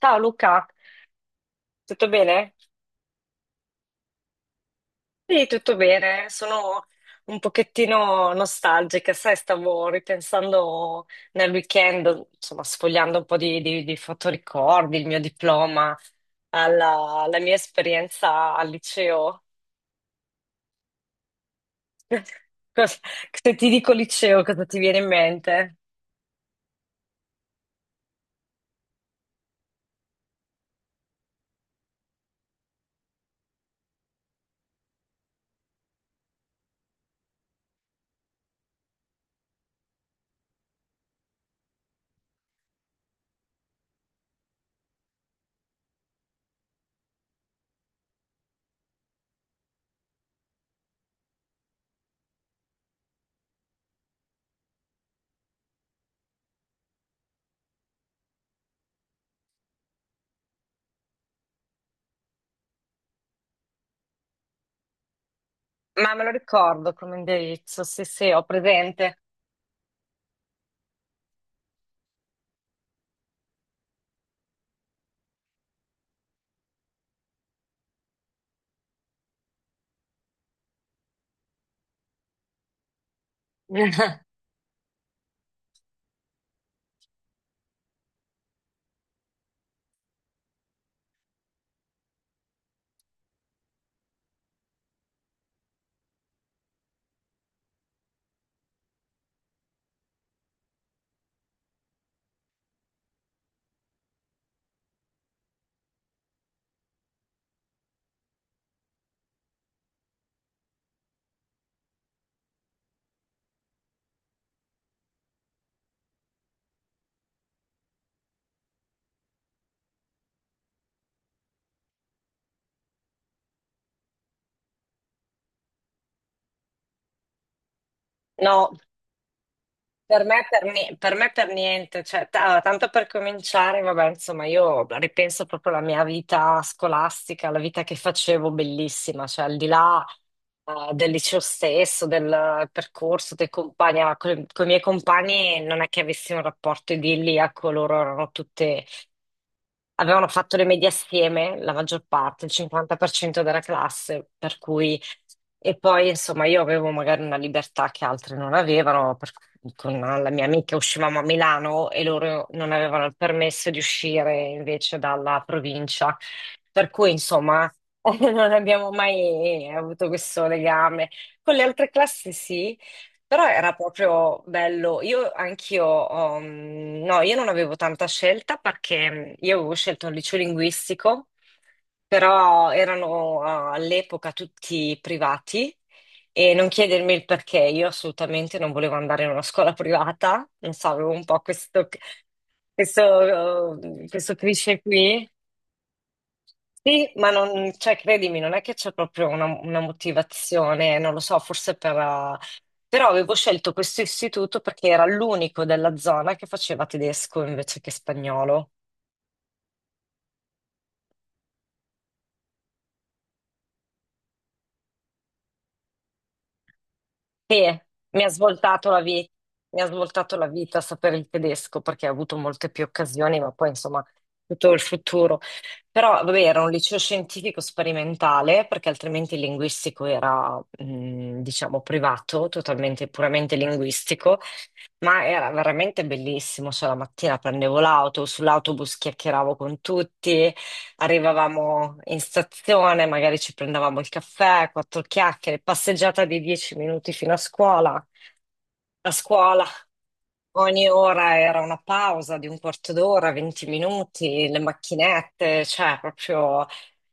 Ciao Luca, tutto bene? Sì, tutto bene. Sono un pochettino nostalgica, sai, stavo ripensando nel weekend, insomma, sfogliando un po' di fotoricordi, il mio diploma, alla mia esperienza al liceo. Cosa- Se ti dico liceo, cosa ti viene in mente? Ma me lo ricordo come indirizzo, sì, sì, ho presente. No. Per me per niente, cioè, allora, tanto per cominciare, vabbè, insomma, io ripenso proprio alla mia vita scolastica, la vita che facevo bellissima, cioè al di là del liceo stesso, del percorso, dei compagni, con, i miei compagni non è che avessi un rapporto idilliaco, loro erano tutte. Avevano fatto le medie assieme, la maggior parte, il 50% della classe, per cui... E poi, insomma, io avevo magari una libertà che altre non avevano, per cui con la mia amica uscivamo a Milano e loro non avevano il permesso di uscire invece dalla provincia. Per cui, insomma, non abbiamo mai avuto questo legame. Con le altre classi sì, però era proprio bello. Io anch'io, ho, mm, no, Io non avevo tanta scelta perché io avevo scelto un liceo linguistico, però erano all'epoca tutti privati e non chiedermi il perché, io assolutamente non volevo andare in una scuola privata, non so, avevo un po' questo cliché qui. Sì, ma non, cioè, credimi, non è che c'è proprio una motivazione, non lo so, forse per... però avevo scelto questo istituto perché era l'unico della zona che faceva tedesco invece che spagnolo. E mi ha svoltato la vita, mi ha svoltato la vita sapere il tedesco perché ho avuto molte più occasioni, ma poi insomma tutto il futuro. Però vabbè, era un liceo scientifico sperimentale perché altrimenti il linguistico era, diciamo, privato, totalmente, puramente linguistico. Ma era veramente bellissimo, cioè la mattina prendevo l'auto, sull'autobus chiacchieravo con tutti, arrivavamo in stazione, magari ci prendevamo il caffè, quattro chiacchiere, passeggiata di 10 minuti fino a scuola. A scuola ogni ora era una pausa di un quarto d'ora, 20 minuti, le macchinette, cioè proprio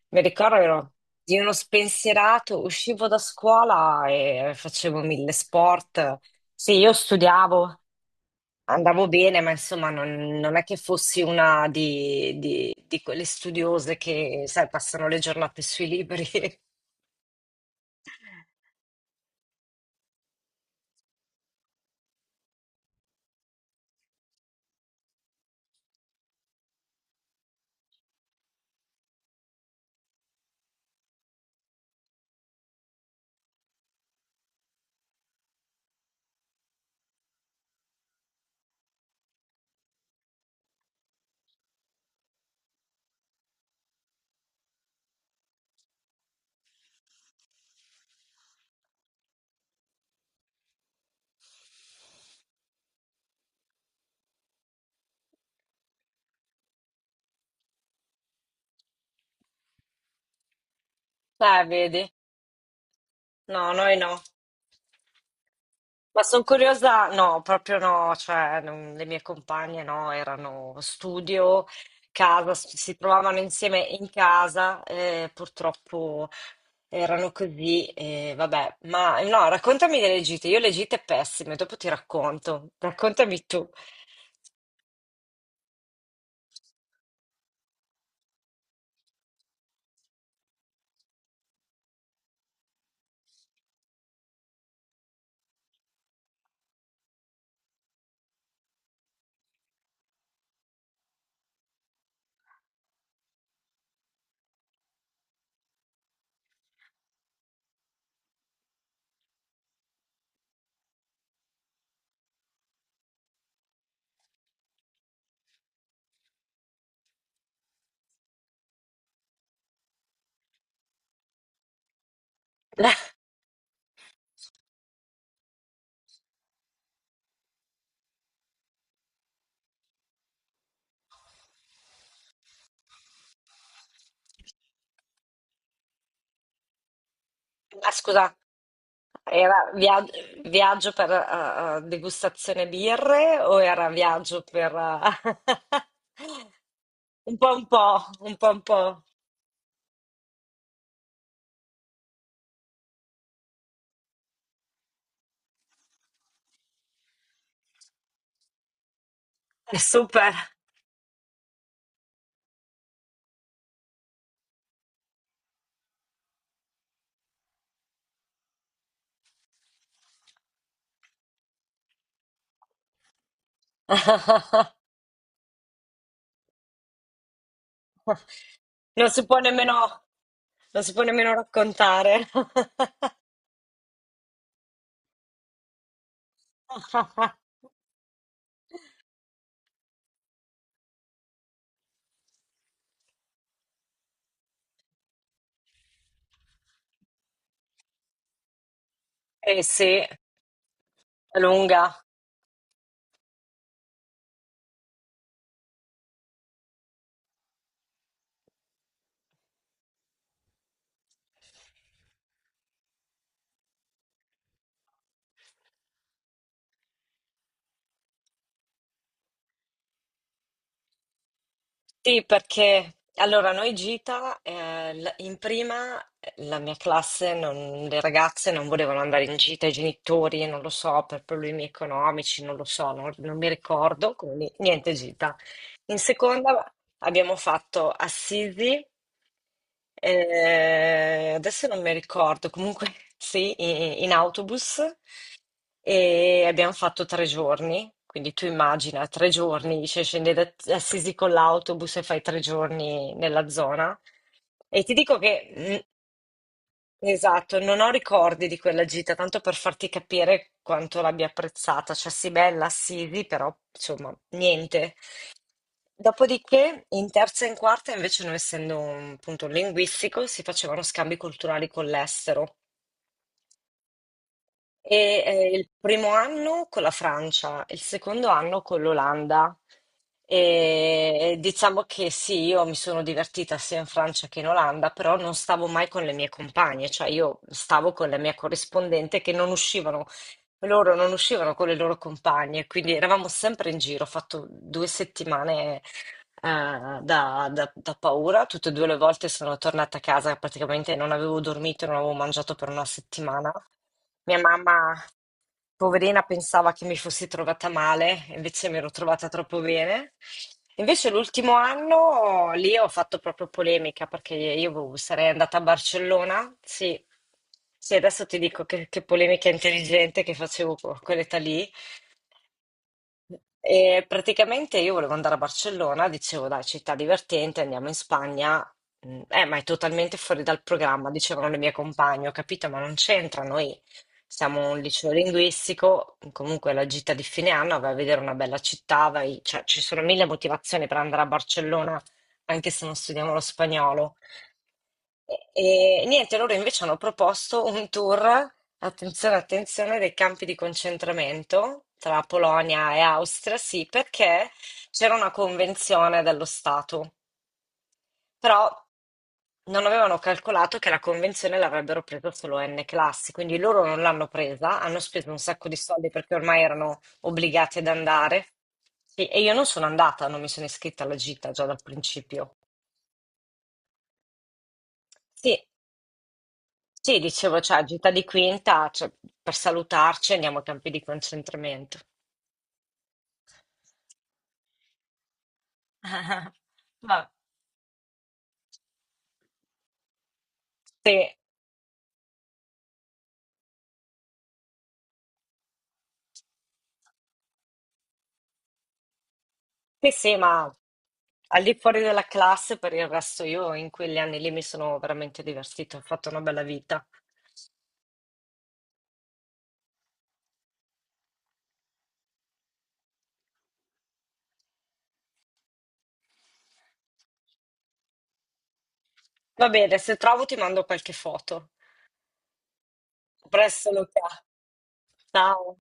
mi ricordo ero di uno spensierato, uscivo da scuola e facevo mille sport. Sì, io studiavo, andavo bene, ma insomma non, non è che fossi una di quelle studiose che, sai, passano le giornate sui libri. Vedi? No, noi no. Ma sono curiosa, no, proprio no, cioè le mie compagne no, erano studio, casa, si trovavano insieme in casa, purtroppo erano così, vabbè. Ma no, raccontami delle gite, io le gite pessime, dopo ti racconto. Raccontami tu. Ah, scusa. Era via- viaggio per degustazione birre o era viaggio per un po' un po', un po' un po'. Super. Non si può nemmeno, non si può nemmeno raccontare. Eh sì, è lunga. Sì, perché allora noi gita, in prima la mia classe, le ragazze non volevano andare in gita, i genitori, non lo so, per problemi economici, non lo so, non, non mi ricordo, quindi niente gita. In seconda abbiamo fatto Assisi, adesso non mi ricordo, comunque sì, in autobus e abbiamo fatto 3 giorni, quindi tu immagina 3 giorni, cioè scendi da Assisi con l'autobus e fai 3 giorni nella zona. E ti dico che, mm, esatto, non ho ricordi di quella gita, tanto per farti capire quanto l'abbia apprezzata, cioè sì, bella Assisi, però insomma, niente. Dopodiché, in terza e in quarta, invece, non essendo un punto linguistico, si facevano scambi culturali con l'estero. E il primo anno con la Francia, il secondo anno con l'Olanda. E diciamo che sì, io mi sono divertita sia in Francia che in Olanda, però non stavo mai con le mie compagne, cioè io stavo con la mia corrispondente che non uscivano, loro non uscivano con le loro compagne, quindi eravamo sempre in giro, ho fatto 2 settimane da, da paura, tutte e due le volte sono tornata a casa, praticamente non avevo dormito, non avevo mangiato per 1 settimana. Mia mamma, poverina, pensava che mi fossi trovata male, invece mi ero trovata troppo bene. Invece l'ultimo anno lì ho fatto proprio polemica perché sarei andata a Barcellona. Sì, sì, adesso ti dico che polemica intelligente che facevo a quell'età lì. E praticamente io volevo andare a Barcellona, dicevo dai, città divertente, andiamo in Spagna. Ma è totalmente fuori dal programma, dicevano le mie compagne, ho capito, ma non c'entra, noi siamo un liceo linguistico, comunque la gita di fine anno, vai a vedere una bella città, cioè, ci sono mille motivazioni per andare a Barcellona, anche se non studiamo lo spagnolo. E niente, loro invece hanno proposto un tour, attenzione, attenzione, dei campi di concentramento tra Polonia e Austria, sì, perché c'era una convenzione dello Stato, però non avevano calcolato che la convenzione l'avrebbero presa solo N classi, quindi loro non l'hanno presa, hanno speso un sacco di soldi perché ormai erano obbligati ad andare. Sì, e io non sono andata, non mi sono iscritta alla gita già dal principio. Sì, sì, dicevo, cioè, gita di quinta, cioè, per salutarci andiamo ai campi di concentramento. Ma sì, sì, sì, ma al di fuori della classe, per il resto io in quegli anni lì mi sono veramente divertita, ho fatto una bella vita. Va bene, se trovo ti mando qualche foto. A presto, Luca. Ciao.